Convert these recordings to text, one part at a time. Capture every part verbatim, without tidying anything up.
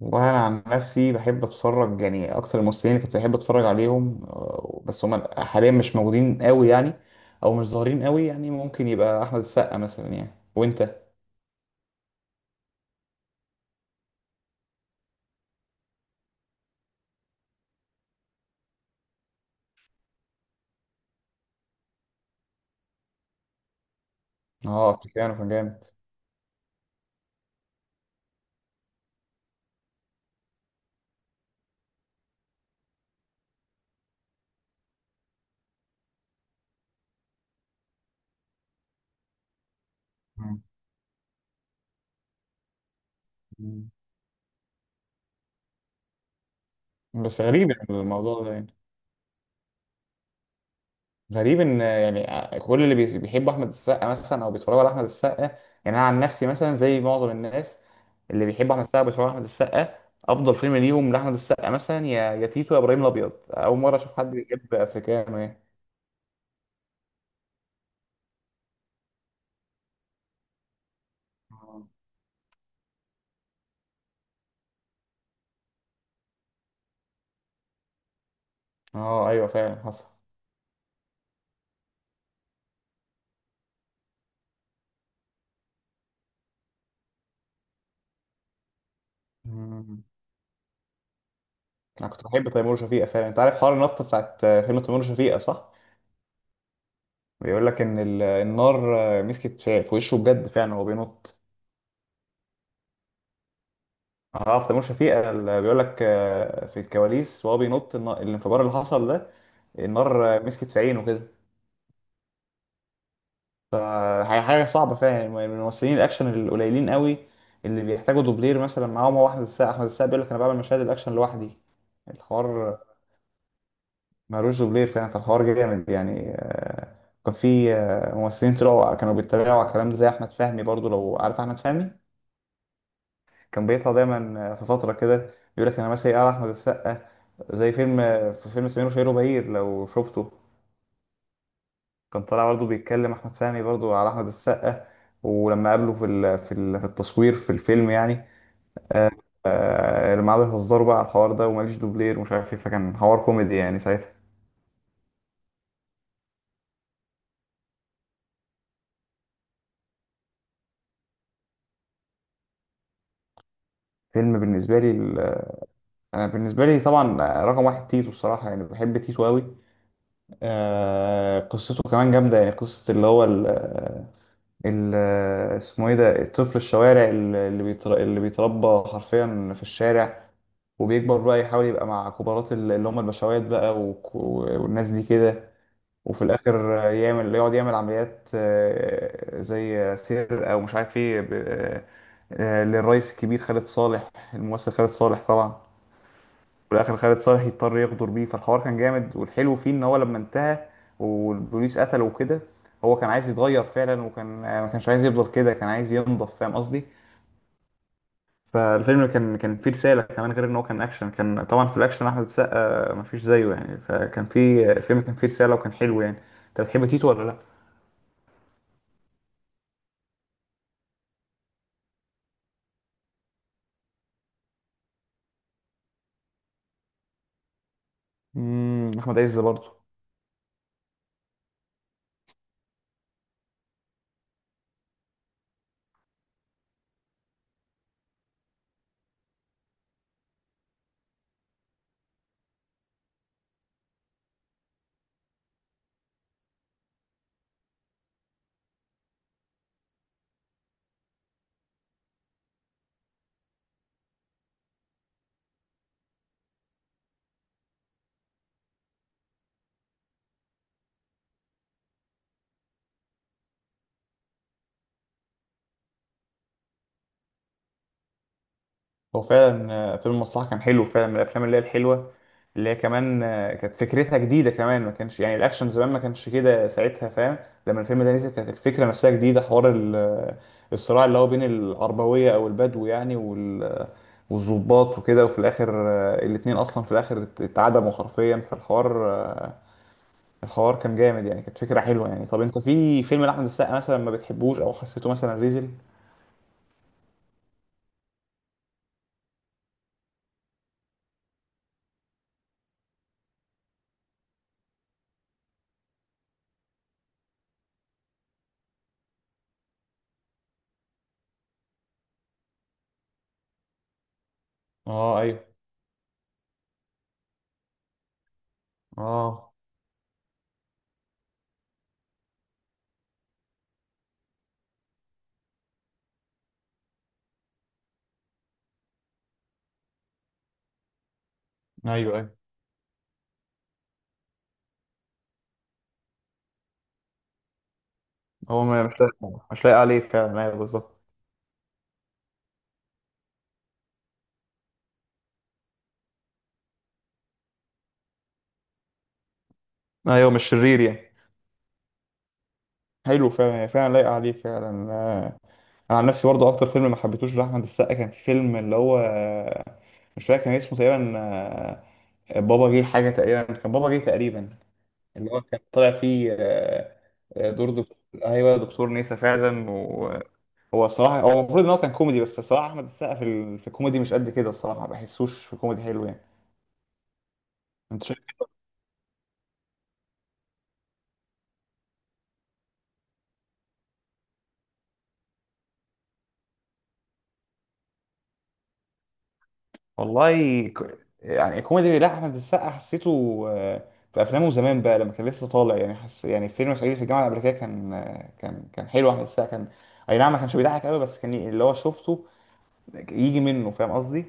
والله انا عن نفسي بحب اتفرج، يعني اكتر الممثلين اللي كنت بحب اتفرج عليهم آه، بس هم حاليا مش موجودين قوي يعني، او مش ظاهرين قوي. يعني ممكن يبقى احمد السقا مثلا، يعني وانت. اه افريكانو كان جامد. مم. بس غريب يعني الموضوع ده يعني. غريب ان يعني كل اللي بي- بيحبوا احمد السقا مثلا او بيتفرجوا على احمد السقا، يعني انا عن نفسي مثلا زي معظم الناس اللي بيحبوا احمد السقا بيتفرجوا على احمد السقا، افضل فيلم ليهم لاحمد السقا مثلا يا يا تيتو يا ابراهيم الابيض. اول مره اشوف حد بيحب افريكانو يعني. آه. اه ايوه فعلا حصل. مم. انا كنت بحب تيمور وشفيقة فعلا. انت عارف حوار النطه بتاعت فيلم تيمور وشفيقة صح؟ بيقول لك ان ال- النار مسكت في في وشه بجد فعلا وهو بينط. اه في تيمور شفيقة اللي بيقول لك آه، في الكواليس وهو بينط الن- الانفجار اللي حصل ده، النار آه، مسكت في عينه كده. فحاجة حاجة صعبة فعلا. من الممثلين الأكشن القليلين قوي اللي بيحتاجوا دوبلير مثلا معاهم هو أحمد السقا. أحمد السقا بيقول لك أنا بعمل مشاهد الأكشن لوحدي، الحوار. مالوش دوبلير فعلا، فالحوار جامد يعني. آه، كان في آه، ممثلين طلعوا كانوا بيتريقوا على الكلام ده زي أحمد فهمي برضو، لو عارف أحمد فهمي. كان بيطلع دايما في فترة كده يقول لك انا مثلا على احمد السقا، زي فيلم في فيلم سمير وشهير وبهير لو شفته، كان طالع برضه بيتكلم احمد فهمي برضه على احمد السقا، ولما قابله في ال- في ال- في التصوير في الفيلم يعني. آه، آه، لما قعدوا يهزروا بقى على الحوار ده وماليش دوبلير ومش عارف ايه، فكان حوار كوميدي يعني ساعتها. فيلم بالنسبة لي ال- انا بالنسبة لي طبعا رقم واحد تيتو الصراحة، يعني بحب تيتو قوي. آه، قصته كمان جامدة يعني. قصة اللي هو ال- ال- اسمه ايه ده، الطفل الشوارع ال- اللي بيتر- اللي بيتربى حرفيا في الشارع، وبيكبر بقى يحاول يبقى مع كبارات ال- اللي هم البشوات بقى وك- والناس دي كده. وفي الاخر يعمل يقعد يعمل عمليات آه، زي سرقة ومش عارف ايه ب- آه، للرئيس الكبير خالد صالح، الممثل خالد صالح طبعا. وفي الاخر خالد صالح يضطر يغدر بيه، فالحوار كان جامد. والحلو فيه ان هو لما انتهى والبوليس قتله وكده، هو كان عايز يتغير فعلا، وكان ما كانش عايز يفضل كده، كان عايز ينضف، فاهم قصدي. فالفيلم كان كان فيه رسالة كمان، غير ان هو كان اكشن. كان طبعا في الاكشن احمد السقا مفيش زيه يعني، فكان فيه الفيلم كان فيه رسالة وكان حلو يعني. انت بتحب تيتو ولا لا؟ امم، احمد عز برضه. هو فعلا آه، فيلم المصلحة كان حلو فعلا، من الأفلام اللي هي الحلوة، اللي هي كمان آه، كانت فكرتها جديدة كمان. ما كانش يعني الأكشن زمان ما كانش كده ساعتها، فاهم. لما الفيلم ده نزل كانت الفكرة نفسها جديدة، حوار ال- آه، الصراع اللي هو بين العربوية أو البدو يعني وال آه، والضباط وكده. وفي الآخر آه، الاتنين أصلا في الآخر ات- اتعدموا حرفيا، فالحوار آه، الحوار كان جامد يعني، كانت فكرة حلوة يعني. طب أنت في فيلم لأحمد السقا مثلا ما بتحبوش أو حسيته مثلا ريزل؟ اه ايوه. اه ايوه ايوه. هو ما- مش لايق، مش لايق عليه فعلا، ايوه بالظبط. ايوه مش شرير يعني. حلو فعلا، هي فعلا لايقه عليه فعلا. آه، انا عن نفسي برضه اكتر فيلم ما حبيتهوش لاحمد السقا كان في فيلم اللي هو، آه، مش فاكر كان اسمه تقريبا، آه، بابا جه حاجه تقريبا، كان بابا جه تقريبا، اللي هو كان طالع فيه آه، آه، دور دكتور. ايوه دكتور نيسا فعلا. وهو الصراحه هو المفروض ان هو كان كوميدي، بس الصراحه احمد السقا في ال... في الكوميدي مش قد كده الصراحه، ما بحسوش في كوميدي حلو يعني. انت، والله ك... يعني كوميدي لا احمد السقا، حسيته آه، في افلامه زمان بقى لما كان لسه طالع يعني، حس يعني فيلم صعيدي في الجامعه الامريكيه كان آه، كان كان حلو. احمد السقا كان اي نعم ما كانش بيضحك قوي، بس كان ي- اللي هو شفته يجي منه، فاهم قصدي.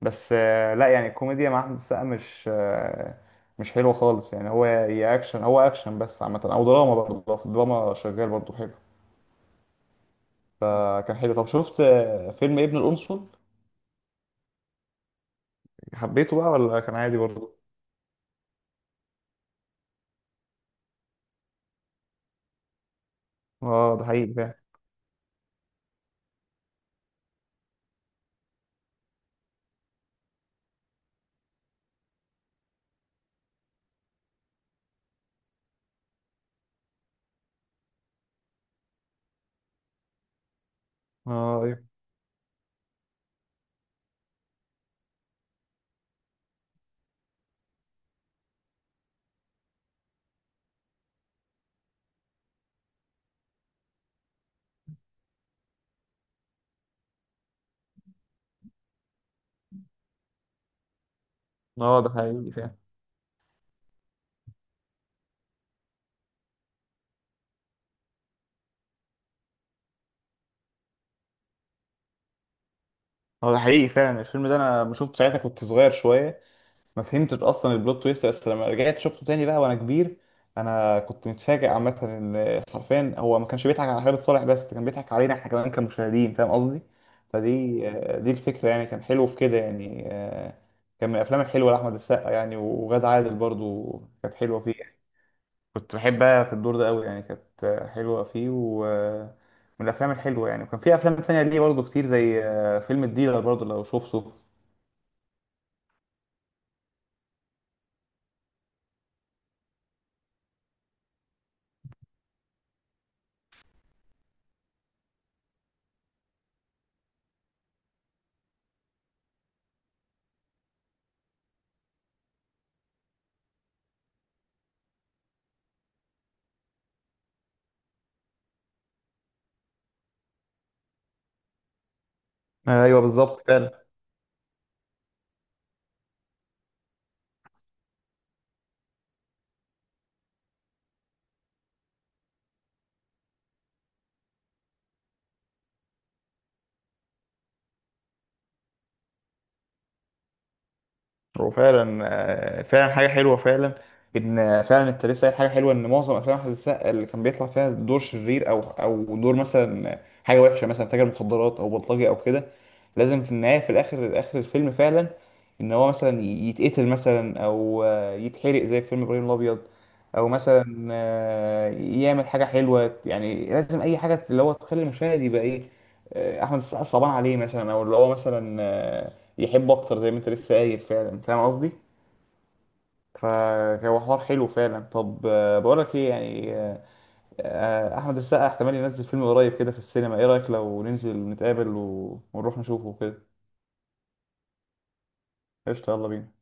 بس آه، لا يعني الكوميديا مع احمد السقا مش آه، مش حلوه خالص يعني. هو يا اكشن، هو اكشن بس عامه، او دراما برضه، في الدراما شغال برضه حلو. فكان حلو. طب شفت آه، فيلم ابن القنصل؟ حبيته بقى ولا كان عادي برضه؟ اه ده حقيقي فعلا. اه. اه ده حقيقي فعلا. هو ده حقيقي فعلا. الفيلم ده انا ما شفته ساعتها كنت صغير شويه، ما فهمتش اصلا البلوت تويست، بس لما رجعت شفته تاني بقى وانا كبير انا كنت متفاجئ عامه ان حرفيا هو ما كانش بيضحك على خالد صالح بس كان بيضحك علينا احنا كمان كمشاهدين، فاهم قصدي. فدي آه، دي الفكره يعني، كان حلو في كده يعني. آه، كان من الافلام الحلوه لاحمد السقا يعني، وغادة عادل برضو كانت حلوه فيه، كنت بحبها في الدور ده قوي يعني، كانت حلوة فيه ومن الأفلام الحلوة يعني. وكان في أفلام تانية ليه برضه كتير، زي آه، فيلم الديلر برضه لو شفته. ايوه بالظبط فعلا. هو فعلا آه، فعلا حاجة حلوة فعلا. إن فعلا أنت لسه قايل حاجة حلوة، إن معظم أفلام أحمد السقا اللي كان بيطلع فيها دور شرير أو أو دور مثلا حاجة وحشة، مثلا تاجر مخدرات أو بلطجي أو كده، لازم في النهاية في الآخر آخر الفيلم فعلا إن هو مثلا يتقتل مثلا أو آه، يتحرق زي في فيلم إبراهيم الأبيض، أو مثلا آه، يعمل حاجة حلوة يعني. لازم أي حاجة اللي هو تخلي المشاهد يبقى إيه، آه، أحمد السقا صعبان عليه مثلا، أو اللي هو مثلا آه، يحبوا اكتر زي ما انت لسه قايل فعلا، فاهم قصدي. فهو حوار حلو فعلا. طب آه، بقولك ايه يعني آه، آه، احمد السقا احتمال ينزل فيلم قريب كده في السينما، ايه رايك لو ننزل نتقابل و... ونروح نشوفه كده؟ قشطة يلا بينا.